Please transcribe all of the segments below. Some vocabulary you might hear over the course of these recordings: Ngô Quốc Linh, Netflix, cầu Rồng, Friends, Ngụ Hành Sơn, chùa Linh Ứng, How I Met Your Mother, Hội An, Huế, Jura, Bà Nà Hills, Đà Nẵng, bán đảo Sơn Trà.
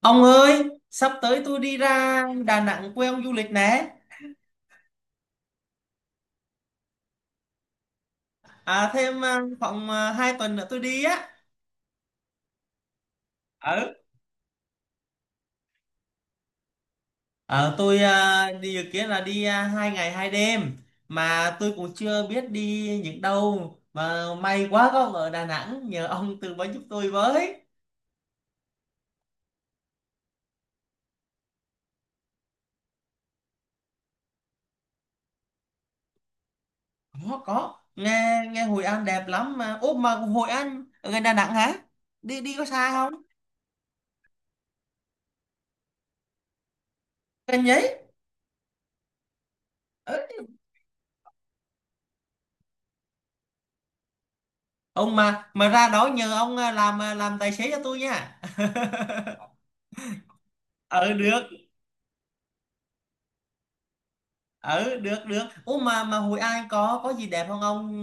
Ông ơi, sắp tới tôi đi ra Đà Nẵng quê ông du lịch nè. Khoảng hai tuần nữa tôi đi á. Ừ. Ờ, tôi đi dự kiến là đi 2 ngày 2 đêm, mà tôi cũng chưa biết đi những đâu, mà may quá có ông ở Đà Nẵng nhờ ông tư vấn giúp tôi với. Có, nghe nghe Hội An đẹp lắm mà. Ủa mà Hội An ở gần Đà Nẵng hả? Đi đi có xa không? Gần giấy. Ông mà ra đó nhờ ông làm làm tài xế cho tôi nha. ở được ở được được, ủa mà Hội An có gì đẹp không ông,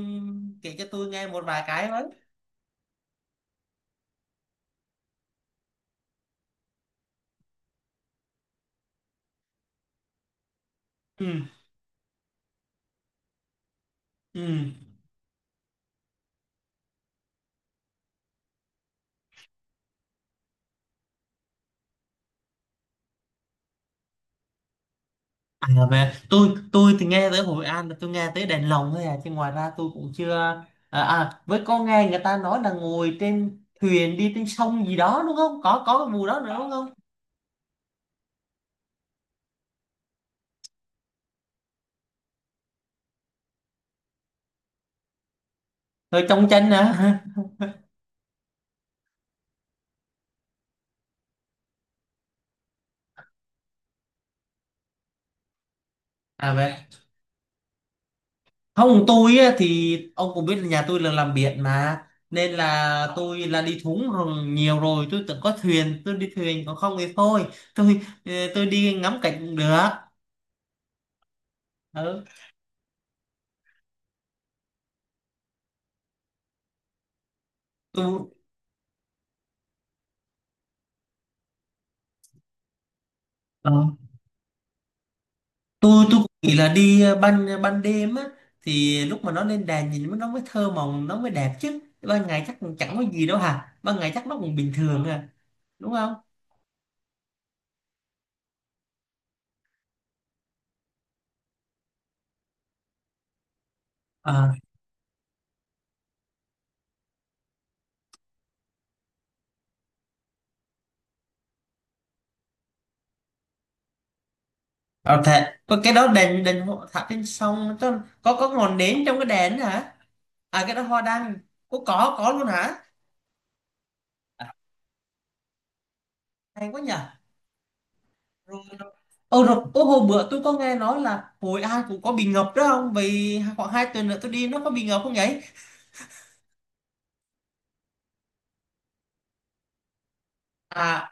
kể cho tôi nghe một vài cái với. Ừ. Ừ. À về tôi thì nghe tới Hội An là tôi nghe tới đèn lồng thôi à, chứ ngoài ra tôi cũng chưa. À, à với có nghe người ta nói là ngồi trên thuyền đi trên sông gì đó đúng không, có có cái vụ đó nữa đúng không? Rồi trong tranh à. À vậy. Không, tôi á, thì ông cũng biết là nhà tôi là làm biển mà, nên là tôi là đi thúng rồi nhiều rồi, tôi từng có thuyền, tôi đi thuyền còn không thì thôi. Tôi tôi đi ngắm cảnh cũng được. Ừ. Tôi ờ, tôi cũng nghĩ là đi ban ban đêm á, thì lúc mà nó lên đèn nhìn nó mới thơ mộng nó mới đẹp, chứ ban ngày chắc cũng chẳng có gì đâu hả, ban ngày chắc nó cũng bình thường à, đúng không? Ờ thế, có cái đó đèn đèn hộ thả trên sông, tức là có ngọn nến trong cái đèn đó hả? À cái đó hoa đăng. Có luôn hả? Hay quá nhỉ. Rồi rồi. Ờ rồi, ô hồi bữa tôi có nghe nói là Hội An cũng có bị ngập đó không? Vì khoảng 2 tuần nữa tôi đi nó có bị ngập không vậy? À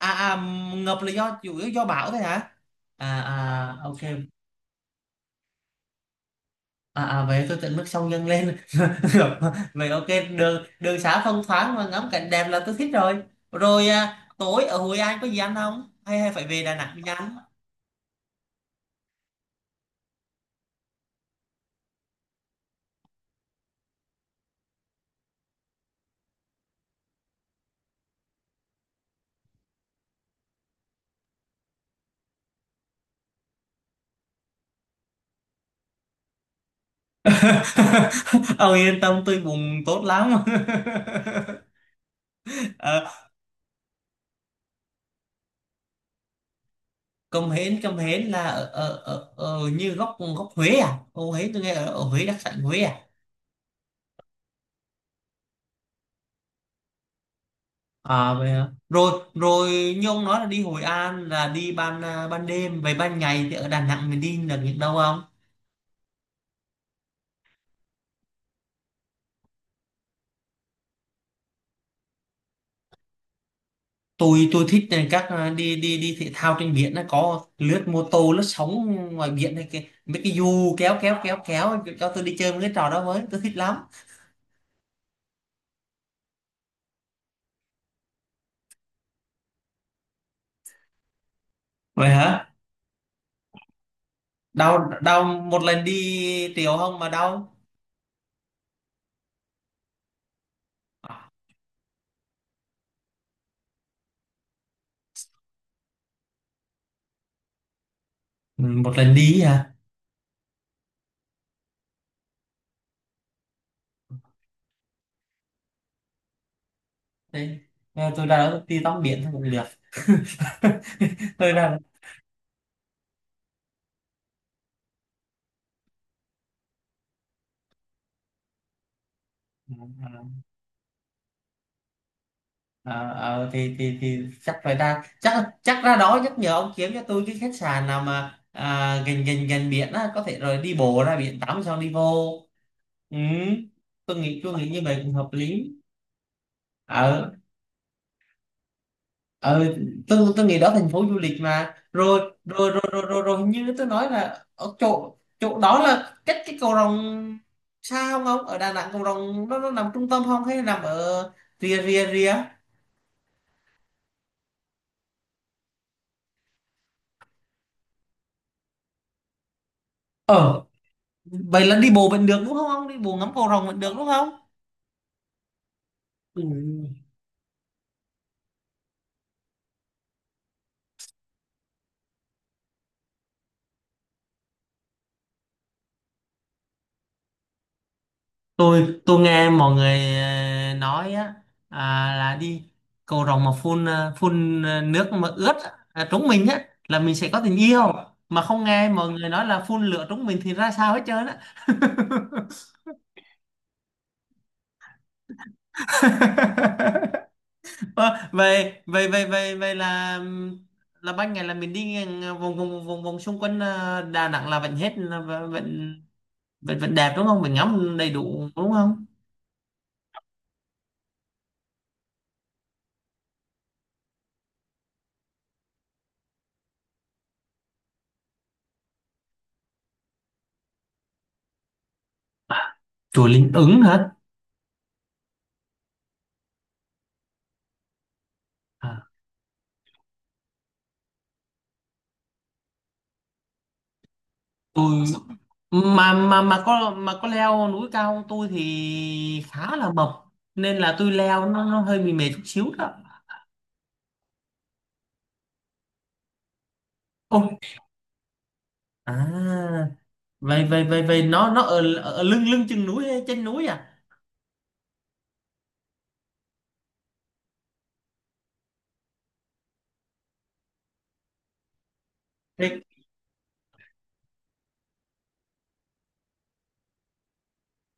à à, ngập là do chủ yếu do bão thôi hả? À à ok. À, à vậy tôi tận mức sông dâng lên. Vậy ok, đường đường xá thông thoáng và ngắm cảnh đẹp là tôi thích rồi. Rồi tối ở Hội An có gì ăn không hay hay phải về Đà Nẵng mới ăn? Ông yên tâm tôi bụng tốt lắm. Ờ, cơm hến là ở như góc góc Huế à, ô Huế tôi nghe ở, ở Huế đặc sản Huế à. À vậy hả, rồi rồi, như ông nói là đi Hội An là đi ban ban đêm, vậy ban ngày thì ở Đà Nẵng mình đi được những đâu không? Tôi thích các đi đi đi thể thao trên biển, nó có lướt mô tô lướt sóng ngoài biển này, cái mấy cái dù kéo kéo kéo kéo cho tôi đi chơi mấy cái trò đó, mới tôi thích lắm. Vậy hả, đau đau một lần đi triệu không mà đau? Ừ, một lần đi hả? Thế, ờ, tôi đã đi tắm biển thôi cũng được. Tôi ra đó. Ờ ờ, thì chắc phải ra, chắc chắc ra đó nhắc nhở ông kiếm cho tôi cái khách sạn nào mà gần gần gần biển á, có thể rồi đi bộ ra biển tắm xong đi vô. Ừ. tôi nghĩ như vậy cũng hợp lý. Ờ. Ờ. Tôi nghĩ đó thành phố du lịch mà, rồi rồi hình như tôi nói là ở chỗ chỗ đó là cách cái cầu Rồng xa không, ông ở Đà Nẵng cầu Rồng nó nằm trung tâm không hay nằm ở rìa rìa rìa? Ờ vậy là đi bộ vẫn được đúng không, đi bộ ngắm cầu rồng vẫn được đúng không? Ừ. Tôi nghe mọi người nói á, à, là đi cầu rồng mà phun phun nước mà ướt á, à, trúng mình á là mình sẽ có tình yêu, mà không nghe mọi người nói là phun lửa trúng mình thì ra sao hết trơn á. Ờ, vậy vậy vậy vậy vậy là ban ngày là mình đi ngang, ờ, vòng vòng vòng vòng xung quanh ờ, Đà Nẵng là vẫn hết là vẫn vẫn vẫn vẫn đẹp đúng không, mình ngắm đầy đủ đúng không? Chùa Linh Ứng hả? À tôi mà có mà có leo núi cao không, tôi thì khá là mập nên là tôi leo nó hơi bị mệt chút xíu đó. Ôi à, vậy vậy vậy vậy nó ở, ở lưng lưng chừng núi hay trên núi à? Thế-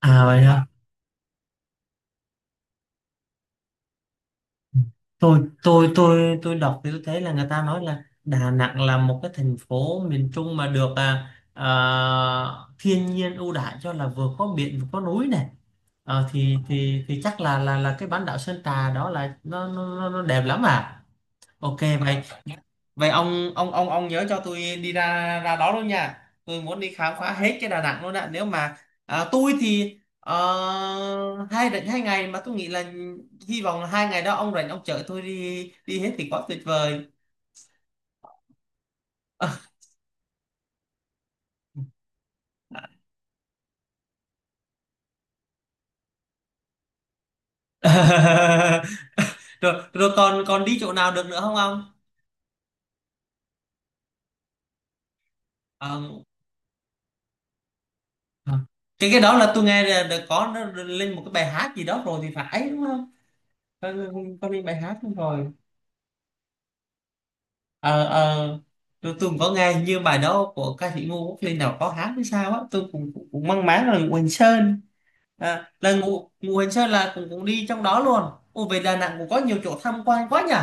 à vậy hả, tôi đọc thì tôi thấy là người ta nói là Đà Nẵng là một cái thành phố miền Trung mà được thiên nhiên ưu đãi cho là vừa có biển vừa có núi này. Ờ, thì chắc là cái bán đảo Sơn Trà đó là nó đẹp lắm à. Ok vậy. Vậy ông nhớ cho tôi đi ra ra đó luôn nha. Tôi muốn đi khám phá hết cái Đà Nẵng luôn ạ. Nếu mà à, tôi thì ờ, hai rảnh hai ngày mà tôi nghĩ là hy vọng là 2 ngày đó ông rảnh ông chở tôi đi đi hết thì quá tuyệt vời. Rồi rồi, còn còn đi chỗ nào được nữa không ông? Ờ. Ờ. Cái đó là tôi nghe là có nó lên một cái bài hát gì đó rồi thì phải đúng không? Có, có lên bài hát đúng rồi. Ờ ờ, tôi cũng có nghe như bài đó của ca sĩ Ngô Quốc Linh nào có hát hay sao á, tôi cũng cũng, cũng mang máng là Ngụ Hành Sơn. À, là Ngụ Ngụ Hành Sơn là cũng cũng đi trong đó luôn. Ồ về Đà Nẵng cũng có nhiều chỗ tham quan quá nhỉ?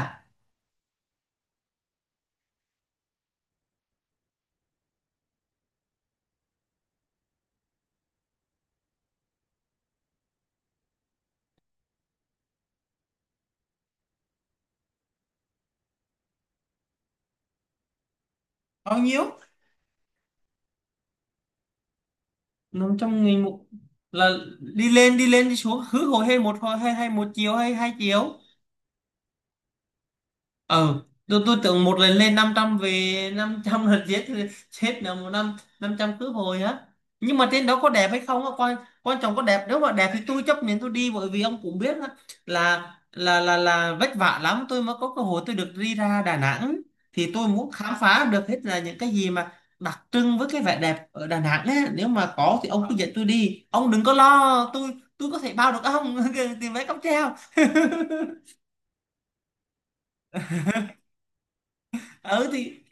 Bao nhiêu? Nằm trong người một là đi lên đi xuống cứ hồi hay một hồi hay hay một chiều hay hai chiều? Ờ tôi tưởng một lần lên 500 về 500 lần giết chết là một năm 500 cướp hồi á, nhưng mà trên đó có đẹp hay không á quan, quan trọng có đẹp, nếu mà đẹp thì tôi chấp nhận tôi đi, bởi vì ông cũng biết á, là là vất vả lắm tôi mới có cơ hội tôi được đi ra Đà Nẵng, thì tôi muốn khám phá được hết là những cái gì mà đặc trưng với cái vẻ đẹp ở Đà Nẵng ấy. Nếu mà có thì ông cứ dẫn tôi đi, ông đừng có lo tôi có thể bao được ông tiền vé cáp treo. Ừ thì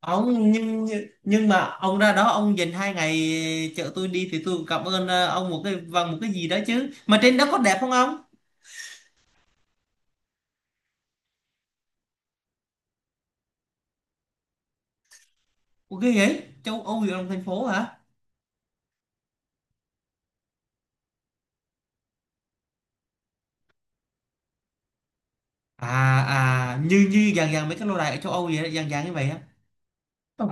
ông nhưng mà ông ra đó ông dành 2 ngày chở tôi đi thì tôi cũng cảm ơn ông một cái bằng một cái gì đó chứ, mà trên đó có đẹp không ông? Ok vậy châu Âu gì trong thành phố hả? À à, như như dạng dạng mấy cái lâu đài ở châu Âu vậy đó, dạng dạng như vậy á. Ôi,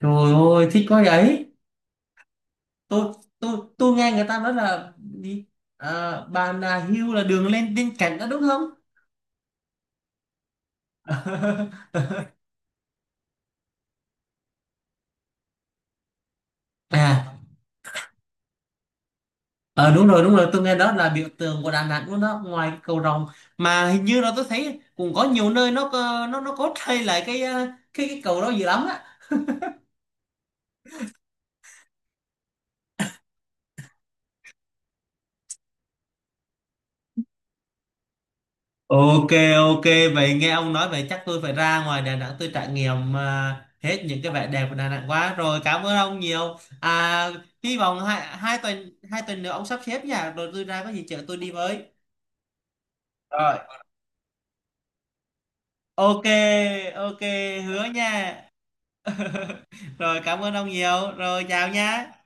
trời ơi thích quá vậy! Tôi nghe người ta nói là đi à, Bà Nà Hills là đường lên trên cảnh đó đúng không? À. Ờ đúng rồi đúng rồi, tôi nghe đó là biểu tượng của Đà Nẵng luôn đó, ngoài cái cầu rồng, mà hình như là tôi thấy cũng có nhiều nơi nó có- nó có thay lại cái cái cầu đó dữ lắm á. Ok, ok vậy nghe ông nói vậy chắc tôi phải ra ngoài Đà Nẵng tôi trải nghiệm hết những cái vẻ đẹp của Đà Nẵng quá rồi, cảm ơn ông nhiều. À hy vọng 2 tuần nữa ông sắp xếp nha, rồi tôi ra có gì chở tôi đi với. Rồi ok ok hứa nha. Rồi cảm ơn ông nhiều, rồi chào nha.